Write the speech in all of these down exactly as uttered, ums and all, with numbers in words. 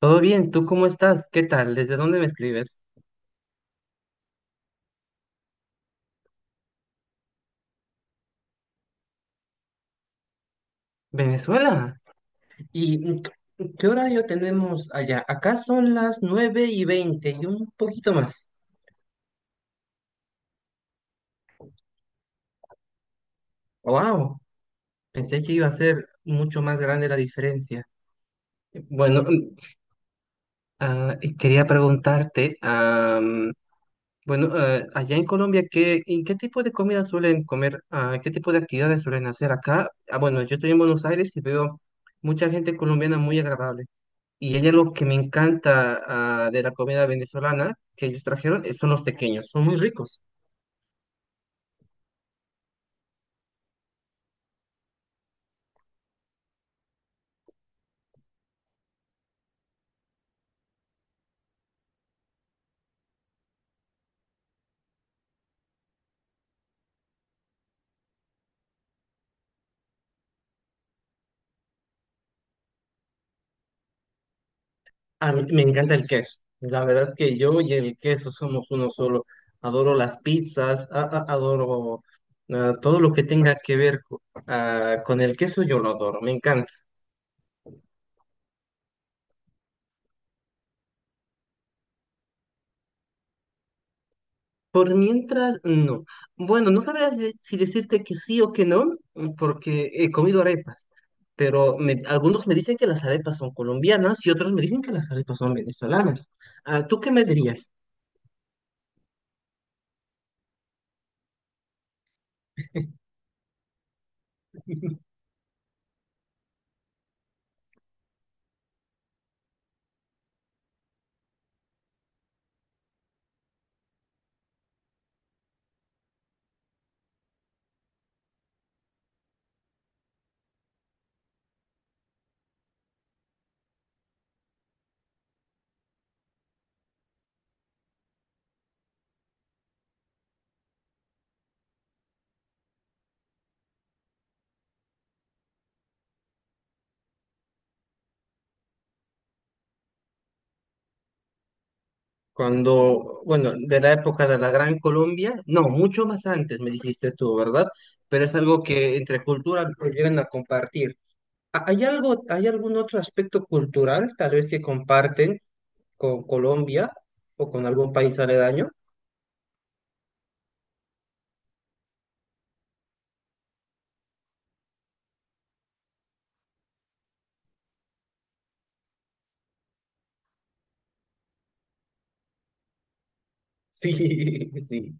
Todo bien, ¿tú cómo estás? ¿Qué tal? ¿Desde dónde me escribes? Venezuela. ¿Y mm, qué qué horario tenemos allá? Acá son las nueve y veinte y un poquito más. ¡Wow! Pensé que iba a ser mucho más grande la diferencia. Bueno, mm, ah, y quería preguntarte, am, bueno, ah, allá en Colombia, ¿qué, ¿en qué tipo de comida suelen comer? Ah, ¿qué tipo de actividades suelen hacer acá? Ah, bueno, yo estoy en Buenos Aires y veo mucha gente colombiana muy agradable. Y hay algo que me encanta, ah, de la comida venezolana que ellos trajeron, eh, son los tequeños, son muy ricos. A mí me encanta el queso. La verdad que yo y el queso somos uno solo. Adoro las pizzas, a- a- adoro, ah, todo lo que tenga que ver co- ah, con el queso, yo lo adoro, me encanta. Por mientras, no. Bueno, no sabría de- si decirte que sí o que no, porque he comido arepas. Pero me- algunos me dicen que las arepas son colombianas y otros me dicen que las arepas son venezolanas. Ah, ¿tú qué me dirías? Cuando, bueno, de la época de la Gran Colombia, no, mucho más antes me dijiste tú, ¿verdad? Pero es algo que entre culturas llegan a compartir. ¿Ha- ¿Hay algo, hay algún otro aspecto cultural tal vez que comparten con Colombia o con algún país aledaño? Sí, sí.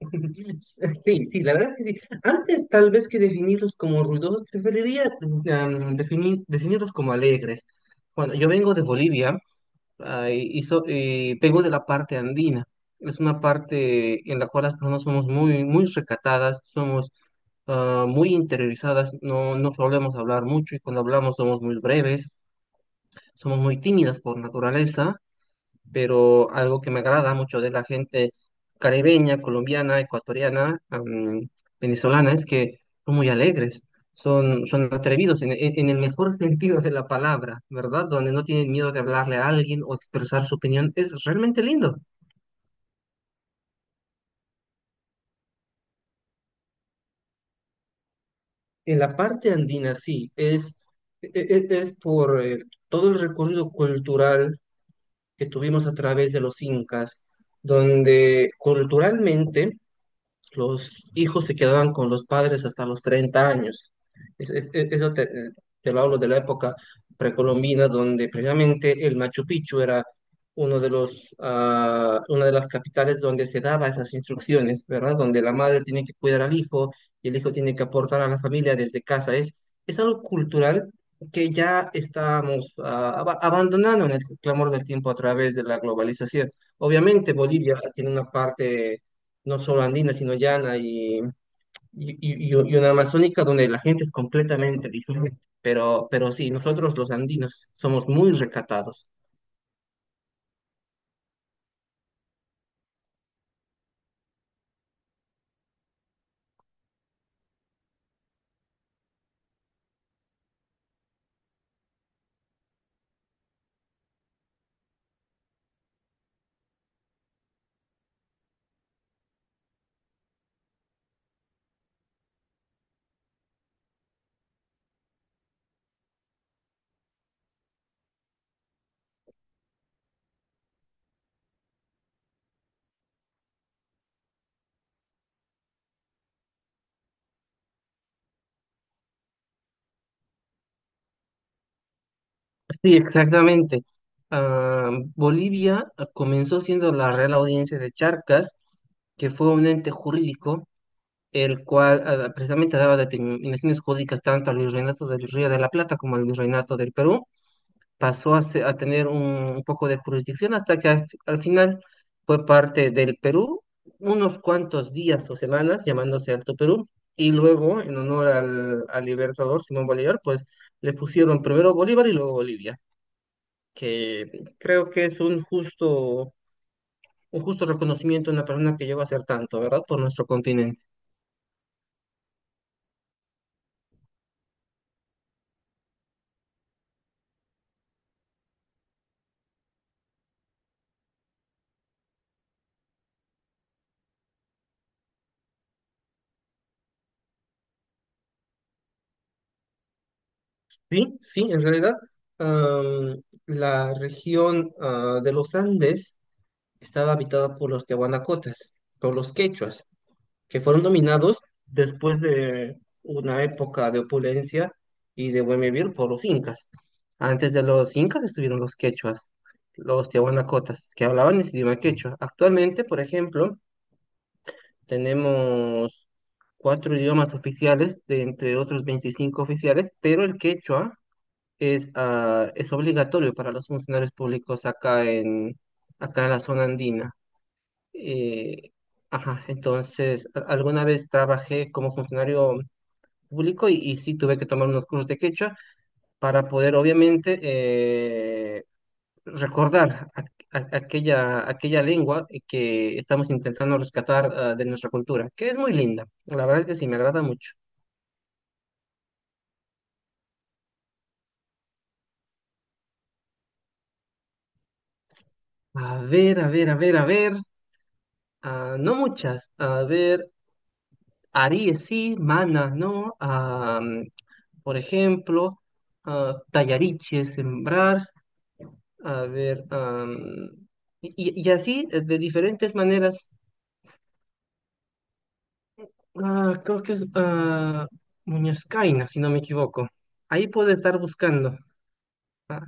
Sí, sí, la verdad que sí. Antes tal vez que definirlos como ruidosos, preferiría, mm, definir, definirlos como alegres. Bueno, yo vengo de Bolivia, ah, y, y so- y vengo de la parte andina. Es una parte en la cual las personas somos muy, muy recatadas, somos, ah, muy interiorizadas, no, no solemos hablar mucho, y cuando hablamos somos muy breves, somos muy tímidas por naturaleza, pero algo que me agrada mucho de la gente caribeña, colombiana, ecuatoriana, am, venezolana, es que son muy alegres, son, son atrevidos en, en- en el mejor sentido de la palabra, ¿verdad? Donde no tienen miedo de hablarle a alguien o expresar su opinión, es realmente lindo. En la parte andina, sí, es, e- e- es, por, eh, todo el recorrido cultural que tuvimos a través de los incas, donde culturalmente los hijos se quedaban con los padres hasta los treinta años. Es- es- es- Eso te, te lo hablo de la época precolombina, donde precisamente el Machu Picchu era uno de los, ah, una de las capitales donde se daba esas instrucciones, ¿verdad? Donde la madre tiene que cuidar al hijo y el hijo tiene que aportar a la familia desde casa. Es, es algo cultural que ya estamos, ah, aba- abandonando en el clamor del tiempo a través de la globalización. Obviamente Bolivia tiene una parte no solo andina, sino llana y, y, y- y una amazónica donde la gente es completamente diferente. Pero, pero sí, nosotros los andinos somos muy recatados. Sí, exactamente. Ah, Bolivia, ah, comenzó siendo la Real Audiencia de Charcas, que fue un ente jurídico, el cual, ah, precisamente daba determinaciones jurídicas tanto al virreinato del Río de la Plata como al virreinato del Perú. Pasó a, se- a tener un, un poco de jurisdicción hasta que al, al final fue parte del Perú, unos cuantos días o semanas llamándose Alto Perú, y luego en honor al, al libertador Simón Bolívar, pues le pusieron primero Bolívar y luego Bolivia, que creo que es un justo, un justo reconocimiento a una persona que lleva a hacer tanto, ¿verdad? Por nuestro continente. Sí, sí, en realidad, am, la región, ah, de los Andes estaba habitada por los tehuanacotas, por los quechuas, que fueron dominados después de una época de opulencia y de buen vivir por los incas. Antes de los incas estuvieron los quechuas, los tehuanacotas, que hablaban ese idioma quechua. Actualmente, por ejemplo, tenemos cuatro idiomas oficiales, de entre otros veinticinco oficiales, pero el quechua es, ah, es obligatorio para los funcionarios públicos acá en, acá en la zona andina. Eh, ajá, entonces, a- alguna vez trabajé como funcionario público y, y sí tuve que tomar unos cursos de quechua para poder, obviamente, eh, recordar a- a- aquella, aquella lengua que estamos intentando rescatar, ah, de nuestra cultura, que es muy linda. La verdad es que sí, me agrada mucho. A ver, a ver, a ver, a ver. Ah, no muchas. A ver, Aries sí, Mana no. Ah, por ejemplo, ah, Tallariche, sembrar. A ver, am, y, y- y así, eh, de diferentes maneras. Ah, creo que es, ah, Muñozcaina, si no me equivoco. Ahí puedo estar buscando, ah,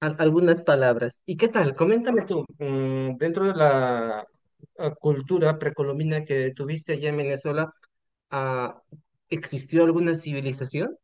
al- algunas palabras. ¿Y qué tal? Coméntame tú, mm, dentro de la, ah, cultura precolombina que tuviste allá en Venezuela, ah, ¿existió alguna civilización?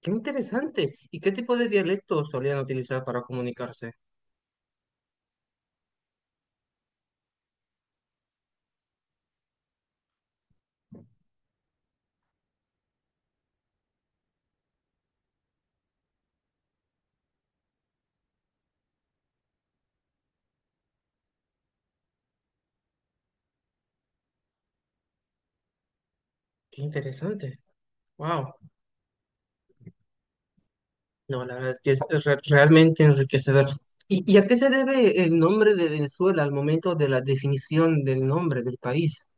Qué interesante. ¿Y qué tipo de dialectos solían utilizar para comunicarse? Qué interesante. Wow. No, la verdad es que es, es re- realmente enriquecedor. ¿Y, y a qué se debe el nombre de Venezuela al momento de la definición del nombre del país?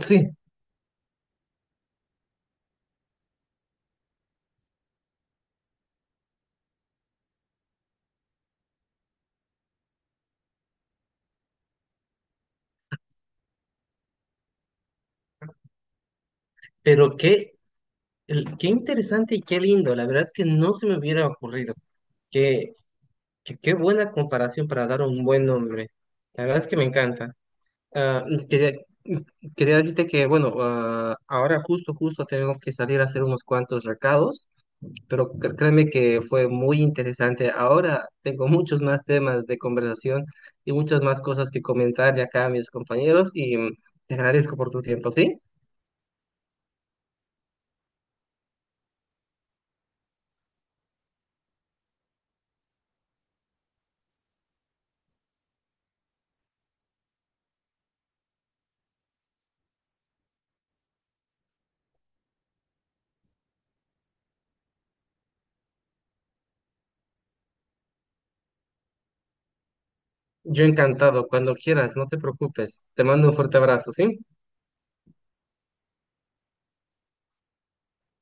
Sí. Pero qué, el- qué interesante y qué lindo. La verdad es que no se me hubiera ocurrido. Qué, qué, qué buena comparación para dar un buen nombre. La verdad es que me encanta. Ah, quería, quería decirte que, bueno, ah, ahora justo, justo tengo que salir a hacer unos cuantos recados, pero cr- créeme que fue muy interesante. Ahora tengo muchos más temas de conversación y muchas más cosas que comentar de acá a mis compañeros, y mm, te agradezco por tu tiempo, ¿sí? Yo encantado, cuando quieras, no te preocupes. Te mando un fuerte abrazo, ¿sí?